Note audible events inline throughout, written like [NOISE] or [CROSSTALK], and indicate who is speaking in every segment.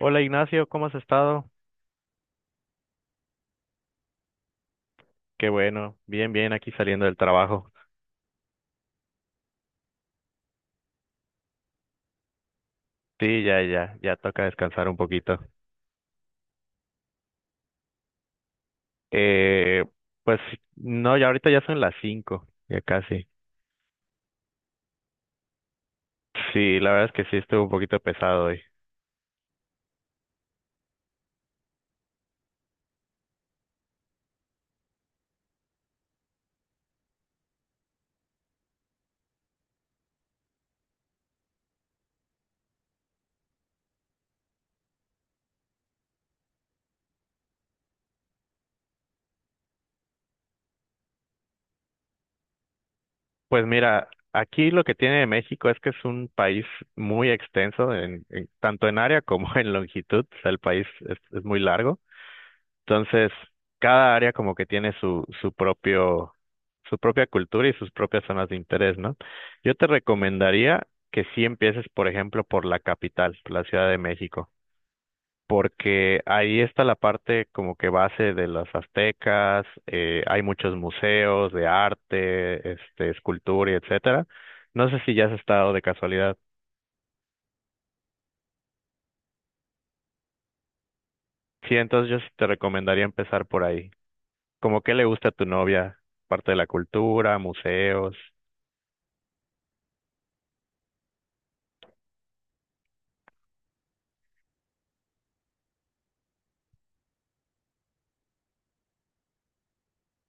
Speaker 1: Hola Ignacio, ¿cómo has estado? Qué bueno, bien, bien, aquí saliendo del trabajo. Sí, ya, ya, ya toca descansar un poquito. Eh, pues no, ya ahorita ya son las 5, ya casi. Sí, la verdad es que sí estuvo un poquito pesado hoy. Pues mira, aquí lo que tiene México es que es un país muy extenso, tanto en área como en longitud, o sea, el país es muy largo. Entonces, cada área como que tiene su propia cultura y sus propias zonas de interés, ¿no? Yo te recomendaría que sí empieces, por ejemplo, por la capital, por la Ciudad de México, porque ahí está la parte como que base de los aztecas, hay muchos museos de arte, escultura y etcétera. No sé si ya has estado de casualidad. Sí, entonces yo sí te recomendaría empezar por ahí. Como qué le gusta a tu novia, parte de la cultura, museos.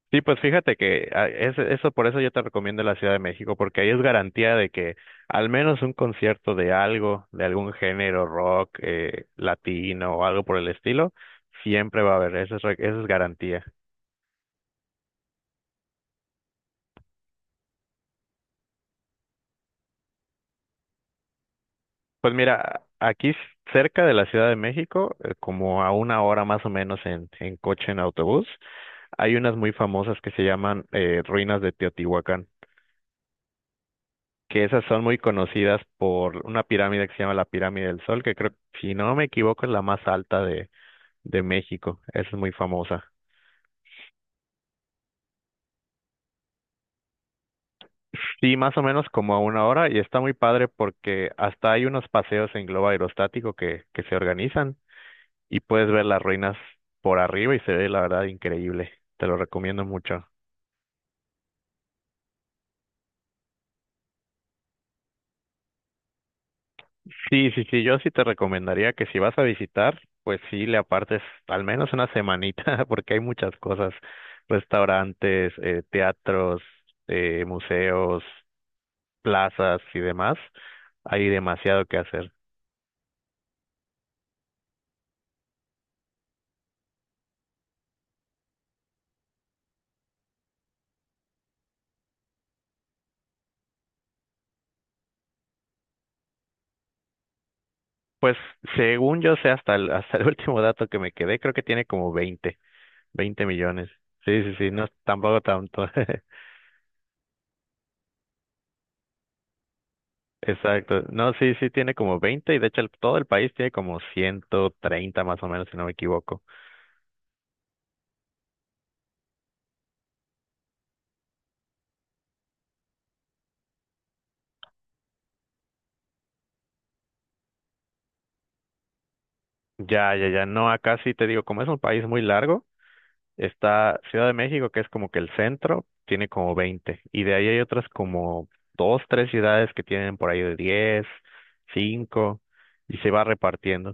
Speaker 1: Sí, pues fíjate que eso, por eso yo te recomiendo la Ciudad de México, porque ahí es garantía de que al menos un concierto de algo, de algún género rock, latino o algo por el estilo, siempre va a haber, eso es garantía. Pues mira, cerca de la Ciudad de México, como a una hora más o menos en coche, en autobús, hay unas muy famosas que se llaman Ruinas de Teotihuacán. Que esas son muy conocidas por una pirámide que se llama la Pirámide del Sol, que creo, si no me equivoco, es la más alta de México. Esa es muy famosa. Sí, más o menos como a una hora y está muy padre porque hasta hay unos paseos en globo aerostático que se organizan y puedes ver las ruinas por arriba y se ve la verdad increíble. Te lo recomiendo mucho. Sí, sí, sí, yo sí te recomendaría que si vas a visitar, pues sí le apartes al menos una semanita, [LAUGHS] porque hay muchas cosas, restaurantes, teatros, museos, plazas y demás, hay demasiado que hacer. Pues según yo sé, hasta el [LAUGHS] último dato que me quedé, creo que tiene como veinte millones. Sí, sí, sí, no es tampoco tanto. [LAUGHS] Exacto. No, sí, sí, tiene como 20 y de hecho todo el país tiene como 130 más o menos, si no me equivoco. Ya, ya, ya. No, acá sí te digo, como es un país muy largo, está Ciudad de México, que es como que el centro, tiene como 20, y de ahí hay otras como dos, tres ciudades que tienen por ahí de 10, 5, y se va repartiendo.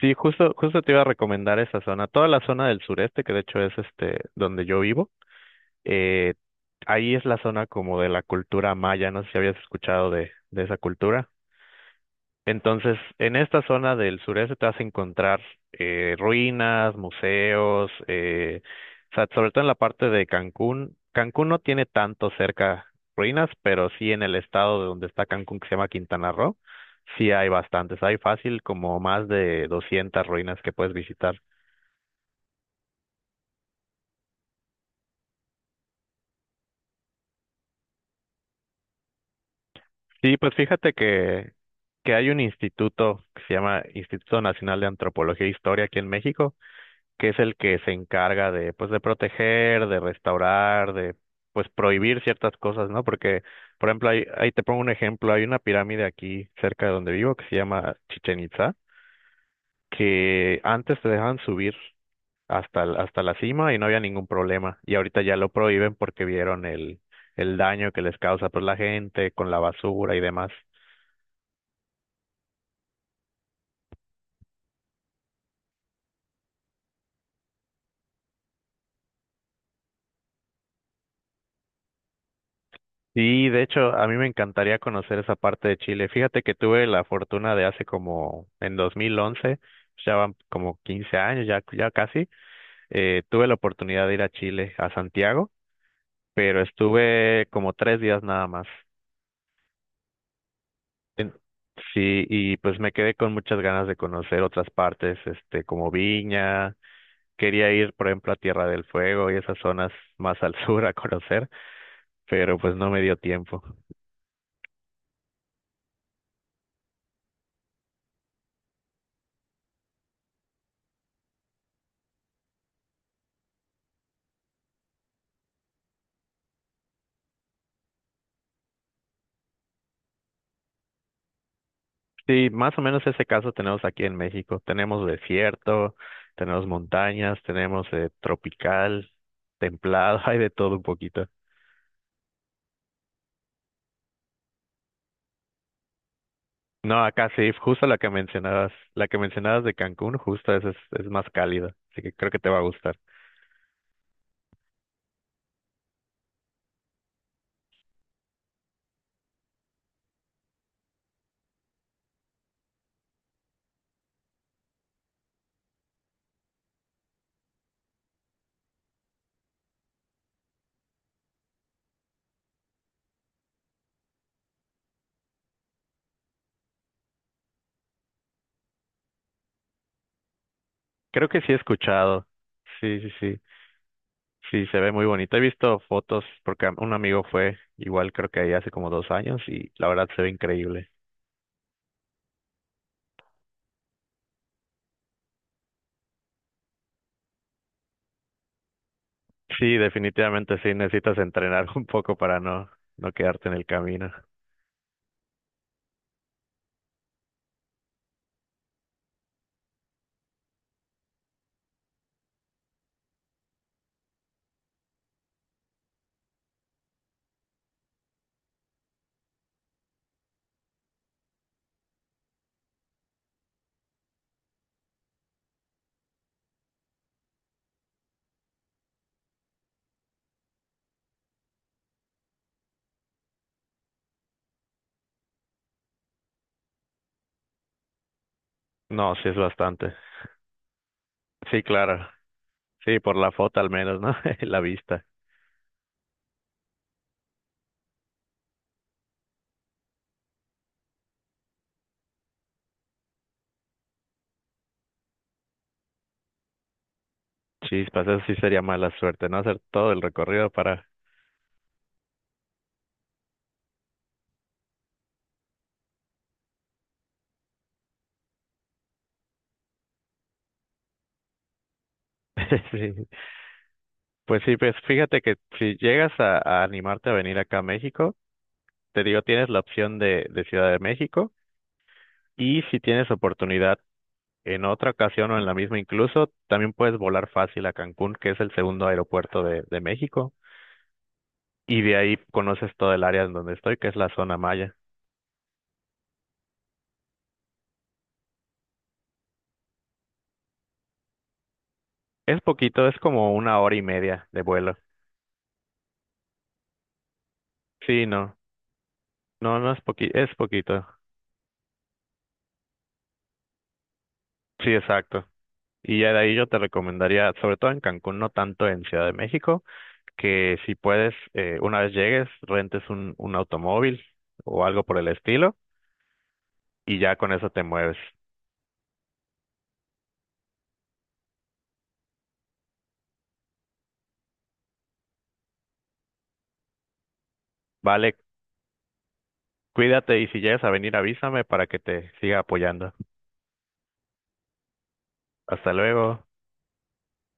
Speaker 1: Sí, justo, justo te iba a recomendar esa zona. Toda la zona del sureste, que de hecho es donde yo vivo, eh, ahí es la zona como de la cultura maya. No sé si habías escuchado de esa cultura. Entonces, en esta zona del sureste te vas a encontrar ruinas, museos, o sea, sobre todo en la parte de Cancún. Cancún no tiene tanto cerca ruinas, pero sí en el estado de donde está Cancún, que se llama Quintana Roo, sí hay bastantes. Hay fácil como más de 200 ruinas que puedes visitar. Sí, pues fíjate que hay un instituto que se llama Instituto Nacional de Antropología e Historia aquí en México que es el que se encarga de, pues, de proteger, de restaurar, de, pues, prohibir ciertas cosas, ¿no? Porque, por ejemplo, ahí te pongo un ejemplo, hay una pirámide aquí cerca de donde vivo que se llama Chichen Itza, que antes te dejaban subir hasta la cima y no había ningún problema, y ahorita ya lo prohíben porque vieron el daño que les causa, pues, la gente con la basura y demás. Sí, de hecho, a mí me encantaría conocer esa parte de Chile. Fíjate que tuve la fortuna de hace como en 2011, ya van como 15 años, ya, ya casi, tuve la oportunidad de ir a Chile, a Santiago, pero estuve como 3 días nada más. En- Sí, y pues me quedé con muchas ganas de conocer otras partes, como Viña, quería ir, por ejemplo, a Tierra del Fuego y esas zonas más al [LAUGHS] sur a conocer pero pues no me dio tiempo. Sí, más o menos ese caso tenemos aquí en México. Tenemos desierto, tenemos montañas, tenemos tropical, templado, [LAUGHS] hay de todo un poquito. No, acá sí, justo la que mencionabas de Cancún, justo esa es más cálida, así que creo que te va a gustar. Creo que sí he escuchado. Sí, sí, sí. Sí, se ve muy bonito. He visto fotos porque un amigo fue igual creo que ahí hace como 2 años y la verdad se ve increíble. Sí, definitivamente sí, necesitas entrenar [LAUGHS] un poco para no quedarte en el camino. No, sí es bastante. Sí, claro. Sí, por la foto al menos, ¿no? [LAUGHS] La vista. Chispas, eso sí sería mala suerte, ¿no? Hacer todo el recorrido. [LAUGHS] Sí. Pues sí, pues fíjate que si llegas a animarte a venir acá a México, te digo, tienes la opción de Ciudad de México. Y si tienes oportunidad en otra ocasión o en la misma incluso, también puedes volar fácil a Cancún, que es el segundo aeropuerto de México, y de ahí conoces todo el área en donde estoy, que es la zona maya. Es poquito, es como una hora y media de vuelo. Sí, no, no, no es poquito. Sí, exacto. Y ya de ahí yo te recomendaría, sobre todo en Cancún, no tanto en Ciudad de México, que si puedes, una vez llegues, rentes un automóvil o algo por el estilo, y ya con eso te mueves. Vale. Cuídate y si llegas a venir, avísame para que te siga apoyando. Hasta luego.